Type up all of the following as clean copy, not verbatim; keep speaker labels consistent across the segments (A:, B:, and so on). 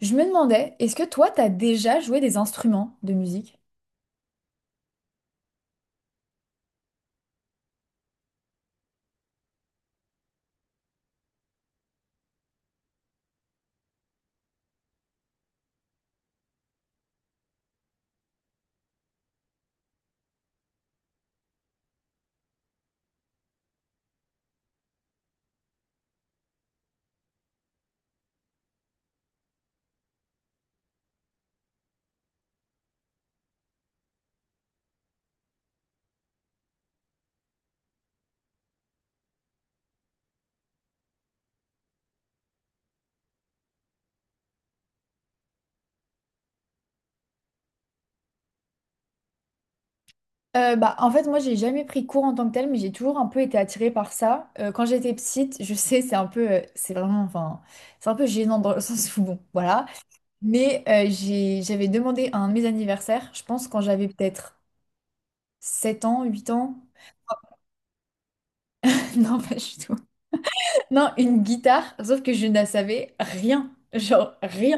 A: Je me demandais, est-ce que toi, t'as déjà joué des instruments de musique? En fait, moi, j'ai jamais pris cours en tant que tel, mais j'ai toujours un peu été attirée par ça. Quand j'étais petite, je sais, c'est un peu, c'est vraiment, enfin, c'est un peu gênant dans le sens où, bon, voilà. J'avais demandé à un de mes anniversaires, je pense quand j'avais peut-être 7 ans, 8 ans. Non, pas du tout. Non, une guitare, sauf que je ne savais rien, genre rien.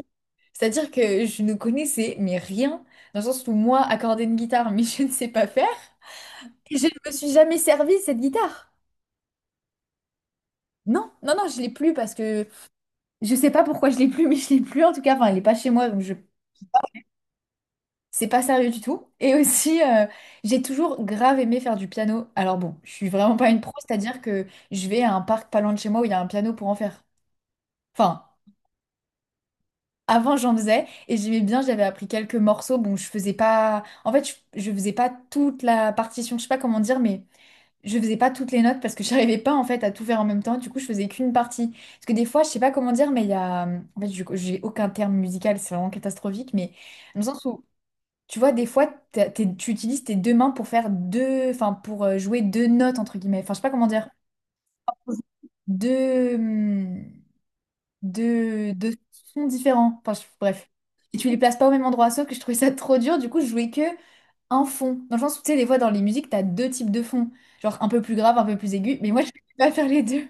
A: C'est-à-dire que je ne connaissais mais rien, dans le sens où moi, accorder une guitare, mais je ne sais pas faire. Et je ne me suis jamais servi de cette guitare. Non, je l'ai plus parce que je sais pas pourquoi je l'ai plus, mais je l'ai plus en tout cas. Enfin, elle n'est pas chez moi, donc je c'est pas sérieux du tout. Et aussi, j'ai toujours grave aimé faire du piano. Alors bon, je suis vraiment pas une pro, c'est-à-dire que je vais à un parc pas loin de chez moi où il y a un piano pour en faire. Enfin, avant, j'en faisais et j'aimais bien, j'avais appris quelques morceaux. Bon, je faisais pas. En fait, je faisais pas toute la partition, je sais pas comment dire, mais je faisais pas toutes les notes parce que j'arrivais pas en fait à tout faire en même temps. Du coup, je faisais qu'une partie. Parce que des fois, je sais pas comment dire, mais il y a. En fait, j'ai aucun terme musical, c'est vraiment catastrophique, mais dans le sens où, tu vois, des fois, tu utilises tes deux mains pour faire deux. Enfin, pour jouer deux notes, entre guillemets. Enfin, je sais pas comment dire. Deux. De sons différents. Bref. Et tu les places pas au même endroit, sauf que je trouvais ça trop dur. Du coup, je jouais que un fond. Dans le sens où, tu sais, des fois, dans les musiques, t'as deux types de fonds. Genre un peu plus grave, un peu plus aigu. Mais moi, je pouvais pas faire les deux.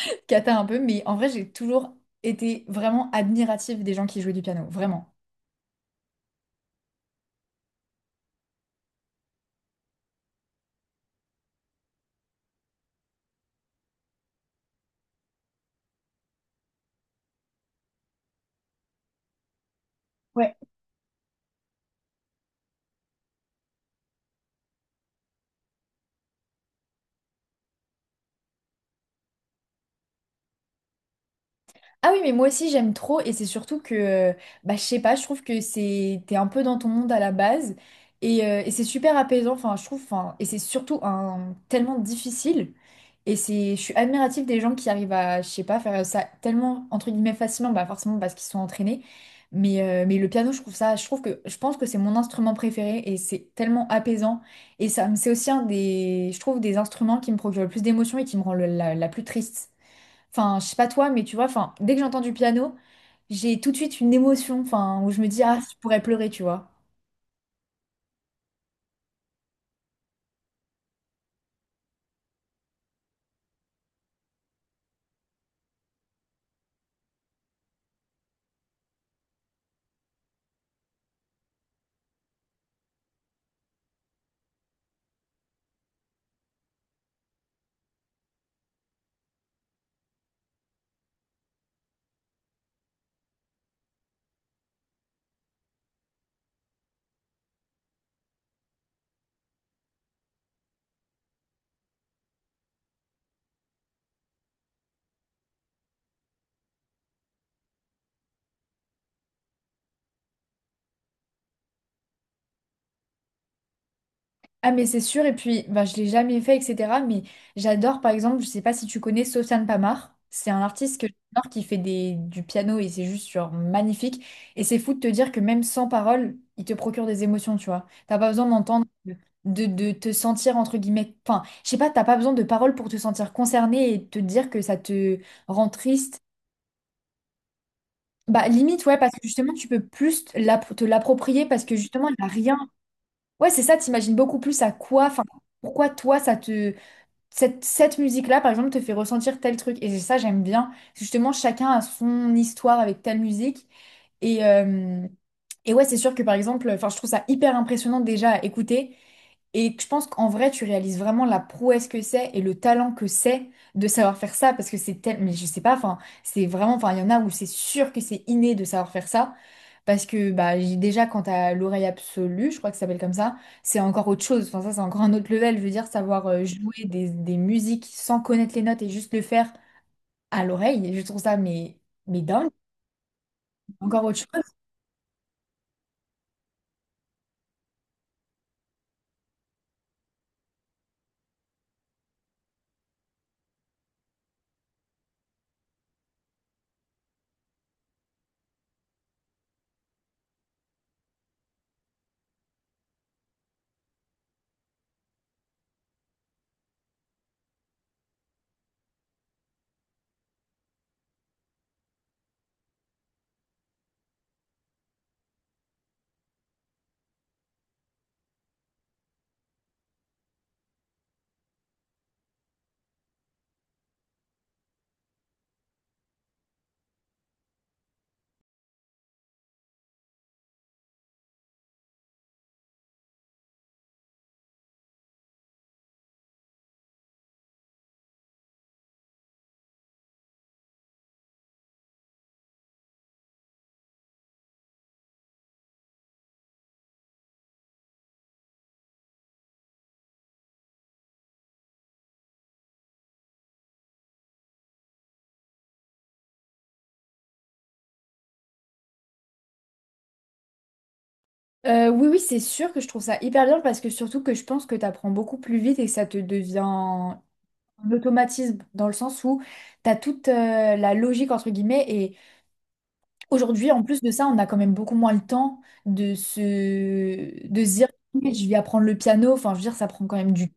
A: Cata un peu. Mais en vrai, j'ai toujours été vraiment admirative des gens qui jouaient du piano. Vraiment. Ouais. Ah oui, mais moi aussi j'aime trop et c'est surtout que, bah, je sais pas, je trouve que c'est, t'es un peu dans ton monde à la base et c'est super apaisant, enfin je trouve, enfin, et c'est surtout un, tellement difficile et c'est, je suis admirative des gens qui arrivent à, je sais pas, faire ça tellement, entre guillemets, facilement, bah forcément parce qu'ils sont entraînés, mais le piano je trouve ça, je trouve que, je pense que c'est mon instrument préféré et c'est tellement apaisant et ça, c'est aussi un des, je trouve, des instruments qui me procure le plus d'émotions et qui me rend la plus triste. Enfin, je sais pas toi, mais tu vois, enfin, dès que j'entends du piano, j'ai tout de suite une émotion, enfin, où je me dis, ah, je pourrais pleurer, tu vois. Ah, mais c'est sûr, et puis, bah, je l'ai jamais fait, etc. Mais j'adore, par exemple, je sais pas si tu connais Sofiane Pamar. C'est un artiste que j'adore qui fait des, du piano et c'est juste genre magnifique. Et c'est fou de te dire que même sans parole, il te procure des émotions, tu vois. T'as pas besoin d'entendre, de, de te sentir, entre guillemets, enfin, je sais pas, t'as pas besoin de paroles pour te sentir concerné et te dire que ça te rend triste. Bah, limite, ouais, parce que justement, tu peux plus te l'approprier parce que justement, il n'y a rien. Ouais, c'est ça, t'imagines beaucoup plus à quoi, enfin, pourquoi toi, ça te. Cette musique-là, par exemple, te fait ressentir tel truc. Et c'est ça, j'aime bien. Justement, chacun a son histoire avec telle musique. Et, euh, et ouais, c'est sûr que par exemple, enfin, je trouve ça hyper impressionnant déjà à écouter. Et je pense qu'en vrai, tu réalises vraiment la prouesse que c'est et le talent que c'est de savoir faire ça parce que c'est tel… Mais je sais pas, enfin, c'est vraiment… Enfin, il y en a où c'est sûr que c'est inné de savoir faire ça parce que bah, déjà, quand t'as l'oreille absolue, je crois que ça s'appelle comme ça, c'est encore autre chose. Enfin, ça, c'est encore un autre level. Je veux dire, savoir jouer des musiques sans connaître les notes et juste le faire à l'oreille, je trouve ça, mais dingue. Encore autre chose. Oui, oui, c'est sûr que je trouve ça hyper bien parce que surtout que je pense que tu apprends beaucoup plus vite et que ça te devient l'automatisme dans le sens où tu as toute la logique entre guillemets et aujourd'hui en plus de ça on a quand même beaucoup moins le temps de se dire ok, je vais apprendre le piano enfin je veux dire ça prend quand même du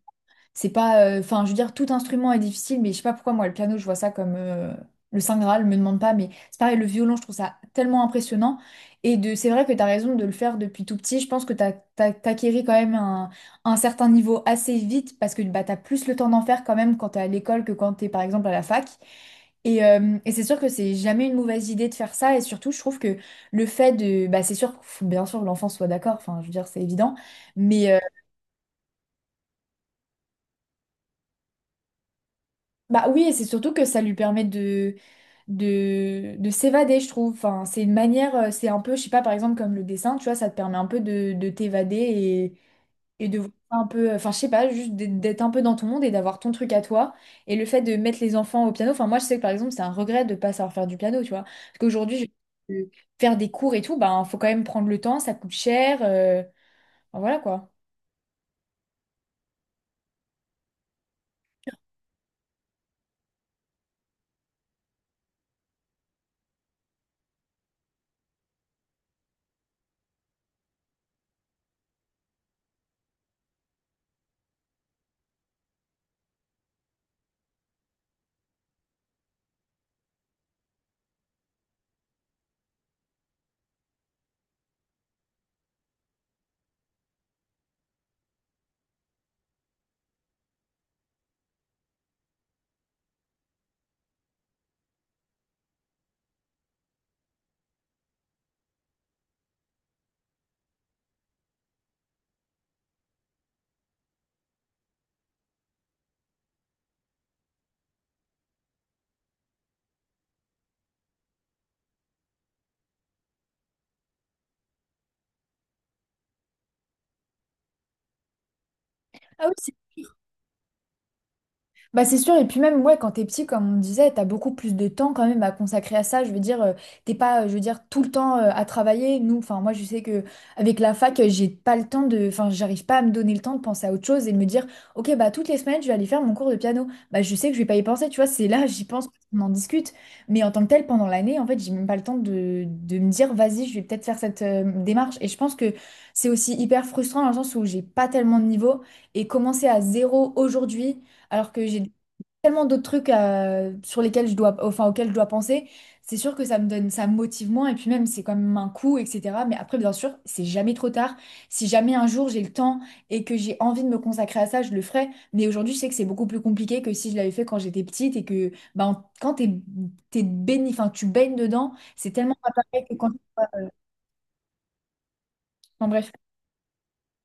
A: c'est pas, enfin, je veux dire, tout instrument est difficile, mais je sais pas pourquoi moi, le piano, je vois ça comme le Saint Graal, me demande pas, mais c'est pareil, le violon, je trouve ça tellement impressionnant. Et de, c'est vrai que t'as raison de le faire depuis tout petit. Je pense que t'acquéris quand même un certain niveau assez vite parce que bah, t'as plus le temps d'en faire quand même quand t'es à l'école que quand t'es par exemple à la fac. Et c'est sûr que c'est jamais une mauvaise idée de faire ça. Et surtout, je trouve que le fait de, bah, c'est sûr, faut bien sûr, que l'enfant soit d'accord. Enfin, je veux dire, c'est évident. Mais euh, Bah oui, et c'est surtout que ça lui permet de de s'évader, je trouve. Enfin, c'est une manière, c'est un peu, je sais pas, par exemple, comme le dessin, tu vois, ça te permet un peu de t'évader et de voir un peu, enfin, je sais pas, juste d'être un peu dans ton monde et d'avoir ton truc à toi. Et le fait de mettre les enfants au piano, enfin, moi, je sais que par exemple, c'est un regret de pas savoir faire du piano, tu vois. Parce qu'aujourd'hui, je- euh, faire des cours et tout, ben, faut quand même prendre le temps, ça coûte cher. Enfin, voilà quoi. Ah oui, c'est bah c'est sûr, et puis même ouais, quand t'es petit, comme on disait, t'as beaucoup plus de temps quand même à consacrer à ça. Je veux dire, t'es pas, je veux dire, tout le temps à travailler. Nous, enfin moi je sais que avec la fac, j'ai pas le temps de. Enfin, j'arrive pas à me donner le temps de penser à autre chose et de me dire, ok, bah toutes les semaines, je vais aller faire mon cours de piano. Bah je sais que je vais pas y penser, tu vois, c'est là, j'y pense, on en discute. Mais en tant que tel, pendant l'année, en fait, j'ai même pas le temps de me dire, vas-y, je vais peut-être faire cette démarche. Et je pense que c'est aussi hyper frustrant dans le sens où j'ai pas tellement de niveau. Et commencer à zéro aujourd'hui alors que j'ai tellement d'autres trucs sur lesquels je dois, enfin, auxquels je dois penser. C'est sûr que ça me donne, ça me motive moins et puis même c'est quand même un coût, etc. Mais après, bien sûr, c'est jamais trop tard. Si jamais un jour j'ai le temps et que j'ai envie de me consacrer à ça, je le ferai. Mais aujourd'hui, je sais que c'est beaucoup plus compliqué que si je l'avais fait quand j'étais petite et que ben, quand t'es, t'es baigné, enfin, tu baignes dedans, c'est tellement pas pareil que quand… Enfin, bref.